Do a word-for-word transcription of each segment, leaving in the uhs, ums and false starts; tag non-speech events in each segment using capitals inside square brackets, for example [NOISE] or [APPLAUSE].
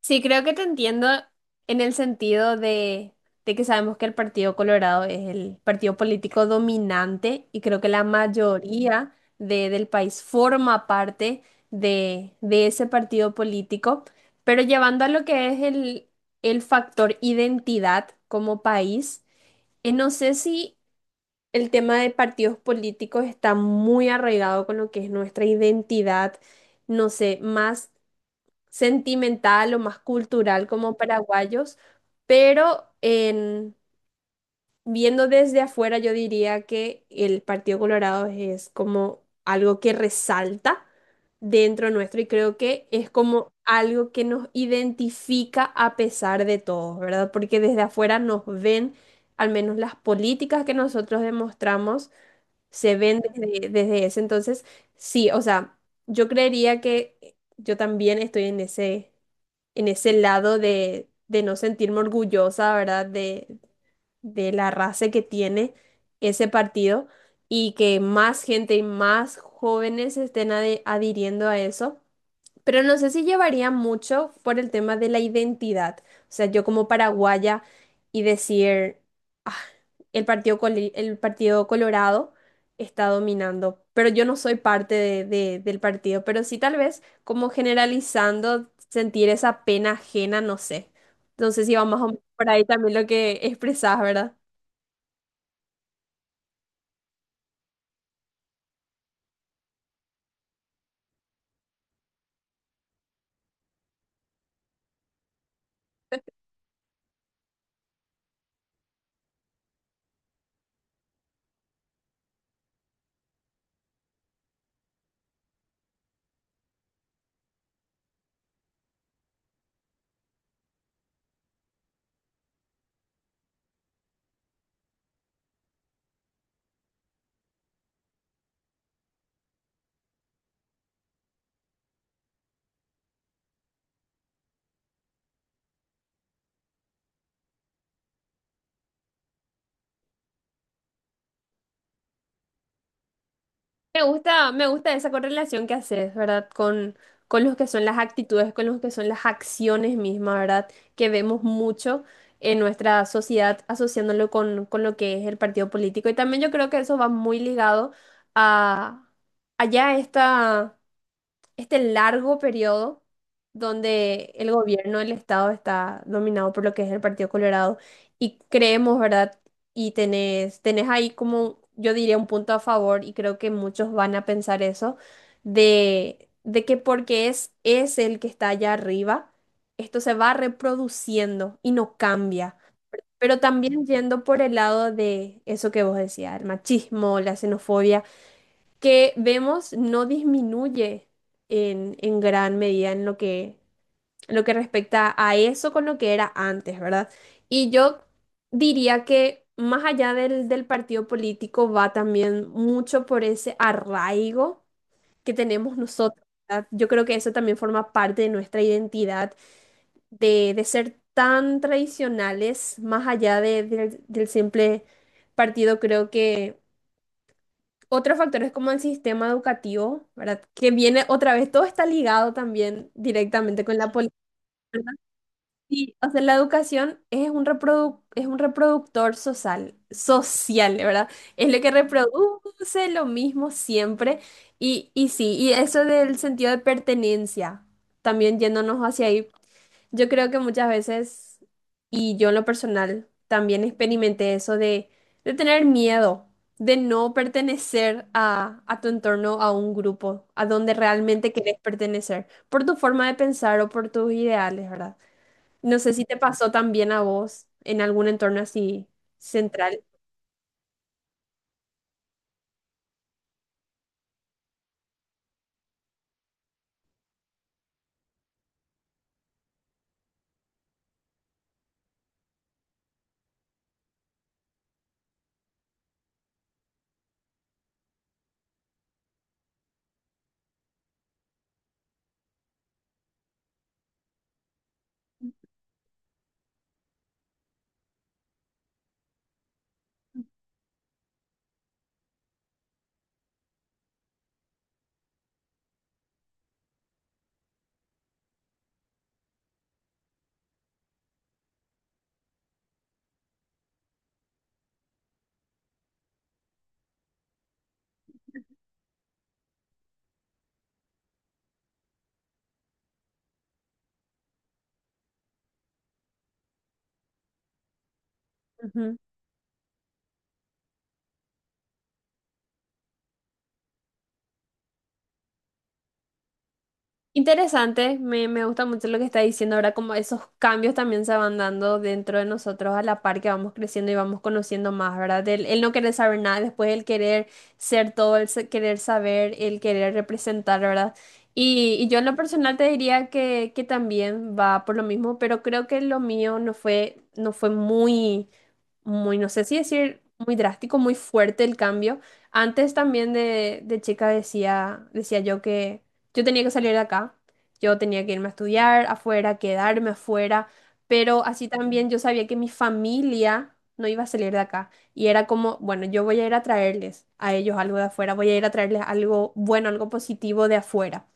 Sí, creo que te entiendo en el sentido de, de que sabemos que el Partido Colorado es el partido político dominante y creo que la mayoría de- del país forma parte de, de ese partido político, pero llevando a lo que es el, el factor identidad como país, eh, no sé si el tema de partidos políticos está muy arraigado con lo que es nuestra identidad, no sé, más sentimental o más cultural como paraguayos, pero en, viendo desde afuera yo diría que el Partido Colorado es como algo que resalta dentro nuestro y creo que es como algo que nos identifica a pesar de todo, ¿verdad? Porque desde afuera nos ven, al menos las políticas que nosotros demostramos, se ven desde, desde ese entonces, sí, o sea, yo creería que yo también estoy en ese en ese lado de, de no sentirme orgullosa, ¿verdad? De, de la raza que tiene ese partido y que más gente y más jóvenes estén ade- adhiriendo a eso. Pero no sé si llevaría mucho por el tema de la identidad. O sea, yo como paraguaya y decir, "Ah, el partido, Coli- el Partido Colorado está dominando, pero yo no soy parte de- de- del partido. Pero sí tal vez como generalizando, sentir esa pena ajena, no sé. Entonces sé si va más o menos por ahí también lo que [LAUGHS] expresás, ¿verdad? Me, gusta, me gusta esa correlación que haces, ¿verdad? Con, con los que son las actitudes, con los que son las acciones mismas, ¿verdad? Que vemos mucho en nuestra sociedad asociándolo con, con lo que es el partido político. Y también yo creo que eso va muy ligado a, allá esta este largo periodo donde el gobierno el Estado está dominado por lo que es el Partido Colorado y creemos, ¿verdad? Y tenés, tenés ahí como, yo diría, un punto a favor y creo que muchos van a pensar eso, de, de que porque es, es el que está allá arriba, esto se va reproduciendo y no cambia. Pero también yendo por el lado de eso que vos decías, el machismo, la xenofobia que vemos no disminuye en, en gran medida en lo que, en lo que respecta a eso con lo que era antes, ¿verdad? Y yo diría que más allá del, del partido político va también mucho por ese arraigo que tenemos nosotros, ¿verdad? Yo creo que eso también forma parte de nuestra identidad, de, de ser tan tradicionales, más allá de- del del simple partido, creo que... Otro factor es como el sistema educativo, ¿verdad? Que viene otra vez, todo está ligado también directamente con la política. ¿Verdad? Sí, o sea, la educación es un reprodu- es un reproductor social, social, ¿verdad? Es lo que reproduce lo mismo siempre. Y, y sí, y eso del sentido de pertenencia, también yéndonos hacia ahí, yo creo que muchas veces, y yo en lo personal, también experimenté eso de, de tener miedo, de no pertenecer a, a tu entorno, a un grupo, a donde realmente querés pertenecer, por tu forma de pensar o por tus ideales, ¿verdad? No sé si te pasó también a vos en algún entorno así central. Interesante, me, me gusta mucho lo que está diciendo ahora, como esos cambios también se van dando dentro de nosotros a la par que vamos creciendo y vamos conociendo más, ¿verdad? El, el no querer saber nada, después el querer ser todo, el se- querer saber, el querer representar, ¿verdad? Y, y yo en lo personal te diría que, que también va por lo mismo, pero creo que lo mío no fue, no fue muy muy, no sé si decir muy drástico, muy fuerte el cambio. Antes también de, de chica decía, decía yo que yo tenía que salir de acá, yo tenía que irme a estudiar afuera, quedarme afuera, pero así también yo sabía que mi familia no iba a salir de acá. Y era como, bueno, yo voy a ir a traerles a ellos algo de afuera, voy a ir a traerles algo bueno, algo positivo de afuera.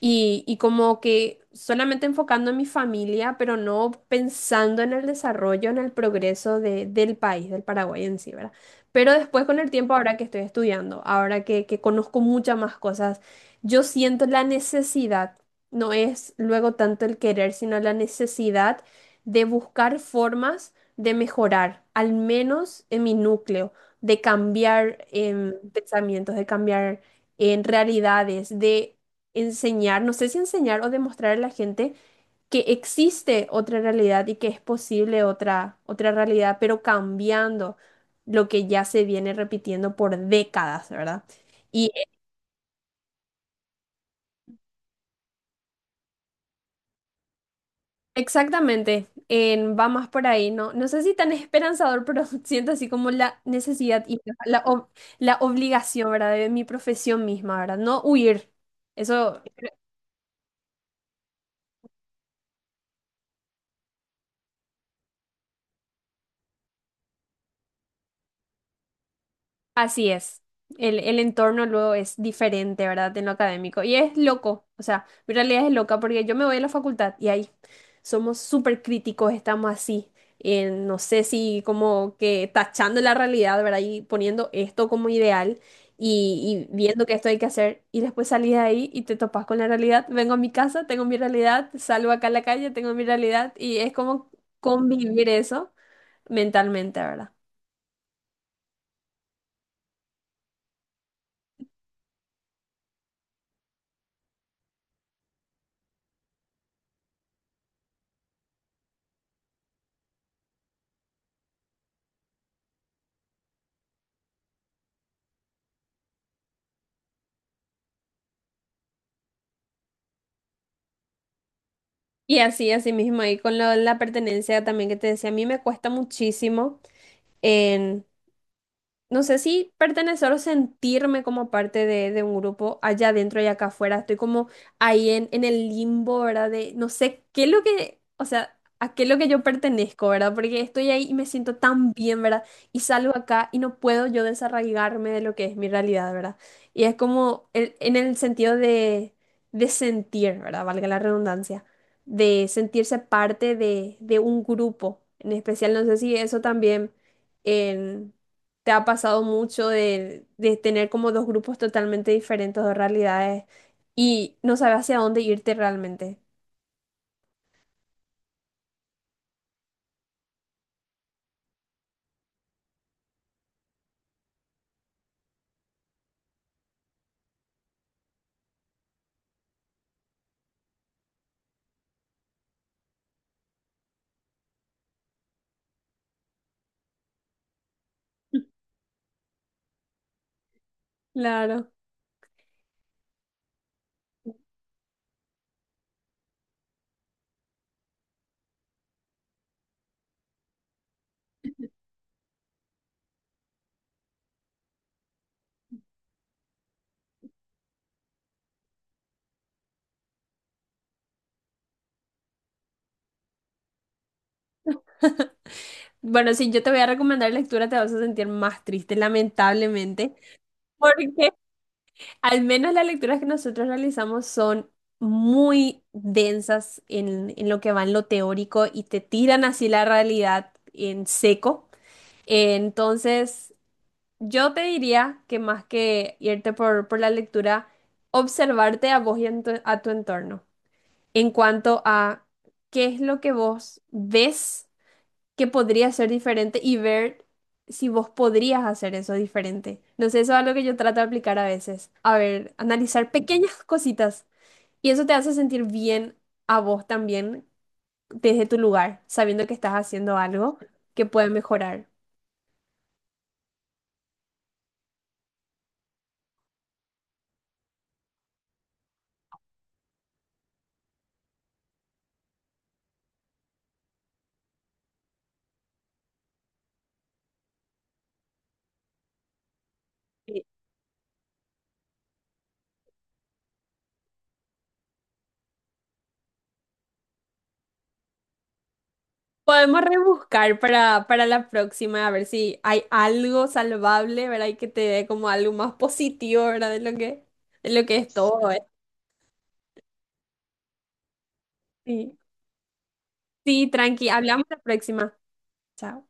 Y, y como que solamente enfocando en mi familia, pero no pensando en el desarrollo, en el progreso de- del país, del Paraguay en sí, ¿verdad? Pero después con el tiempo, ahora que estoy estudiando, ahora que, que conozco muchas más cosas, yo siento la necesidad, no es luego tanto el querer, sino la necesidad de buscar formas de mejorar, al menos en mi núcleo, de cambiar em, pensamientos, de cambiar en realidades, de enseñar, no sé si enseñar o demostrar a la gente que existe otra realidad y que es posible otra, otra realidad, pero cambiando lo que ya se viene repitiendo por décadas, ¿verdad? Y exactamente, en, va más por ahí, ¿no? No sé si tan esperanzador, pero [LAUGHS] siento así como la necesidad y la, la ob- la obligación, ¿verdad? De mi profesión misma, ¿verdad? No huir. Eso Así es. El, el entorno luego es diferente, ¿verdad? En lo académico. Y es loco. O sea, mi realidad es loca porque yo me voy a la facultad y ahí somos súper críticos, estamos así. En, no sé si como que tachando la realidad, ¿verdad? Y poniendo esto como ideal y, y viendo que esto hay que hacer. Y después salís de ahí y te topas con la realidad. Vengo a mi casa, tengo mi realidad, salgo acá a la calle, tengo mi realidad. Y es como convivir eso mentalmente, ¿verdad? Y así, así mismo, y con lo- la pertenencia también que te decía, a mí me cuesta muchísimo no sé si pertenecer o sentirme como parte de, de un grupo allá adentro y acá afuera. Estoy como ahí en, en el limbo, ¿verdad? De no sé qué es lo que, o sea, a qué es lo que yo pertenezco, ¿verdad? Porque estoy ahí y me siento tan bien, ¿verdad? Y salgo acá y no puedo yo desarraigarme de lo que es mi realidad, ¿verdad? Y es como el- en el sentido de, de sentir, ¿verdad? Valga la redundancia, de sentirse parte de, de un grupo. En especial, no sé si eso también... En, te ha pasado mucho de, de tener como dos grupos totalmente diferentes, dos realidades, y no sabes hacia dónde irte realmente. [LAUGHS] Claro. Bueno, si yo te voy a recomendar lectura, te vas a sentir más triste, lamentablemente, [LAUGHS] porque al menos las lecturas que nosotros realizamos son muy densas en, en lo que va en lo teórico y te tiran así la realidad en seco. Entonces, yo te diría que más que irte por, por la lectura, observarte a vos y en tu- a tu entorno en cuanto a qué es lo que vos ves que podría ser diferente y ver si vos podrías hacer eso diferente. No sé, eso es algo que yo trato de aplicar a veces. A ver, analizar pequeñas cositas y eso te hace sentir bien a vos también desde tu lugar, sabiendo que estás haciendo algo que puede mejorar. Podemos rebuscar para, para la próxima, a ver si hay algo salvable, ¿verdad? Y que te dé como algo más positivo, ¿verdad? De lo que, de lo que es todo, ¿eh? Sí. Sí, tranqui. Hablamos la próxima. Chao.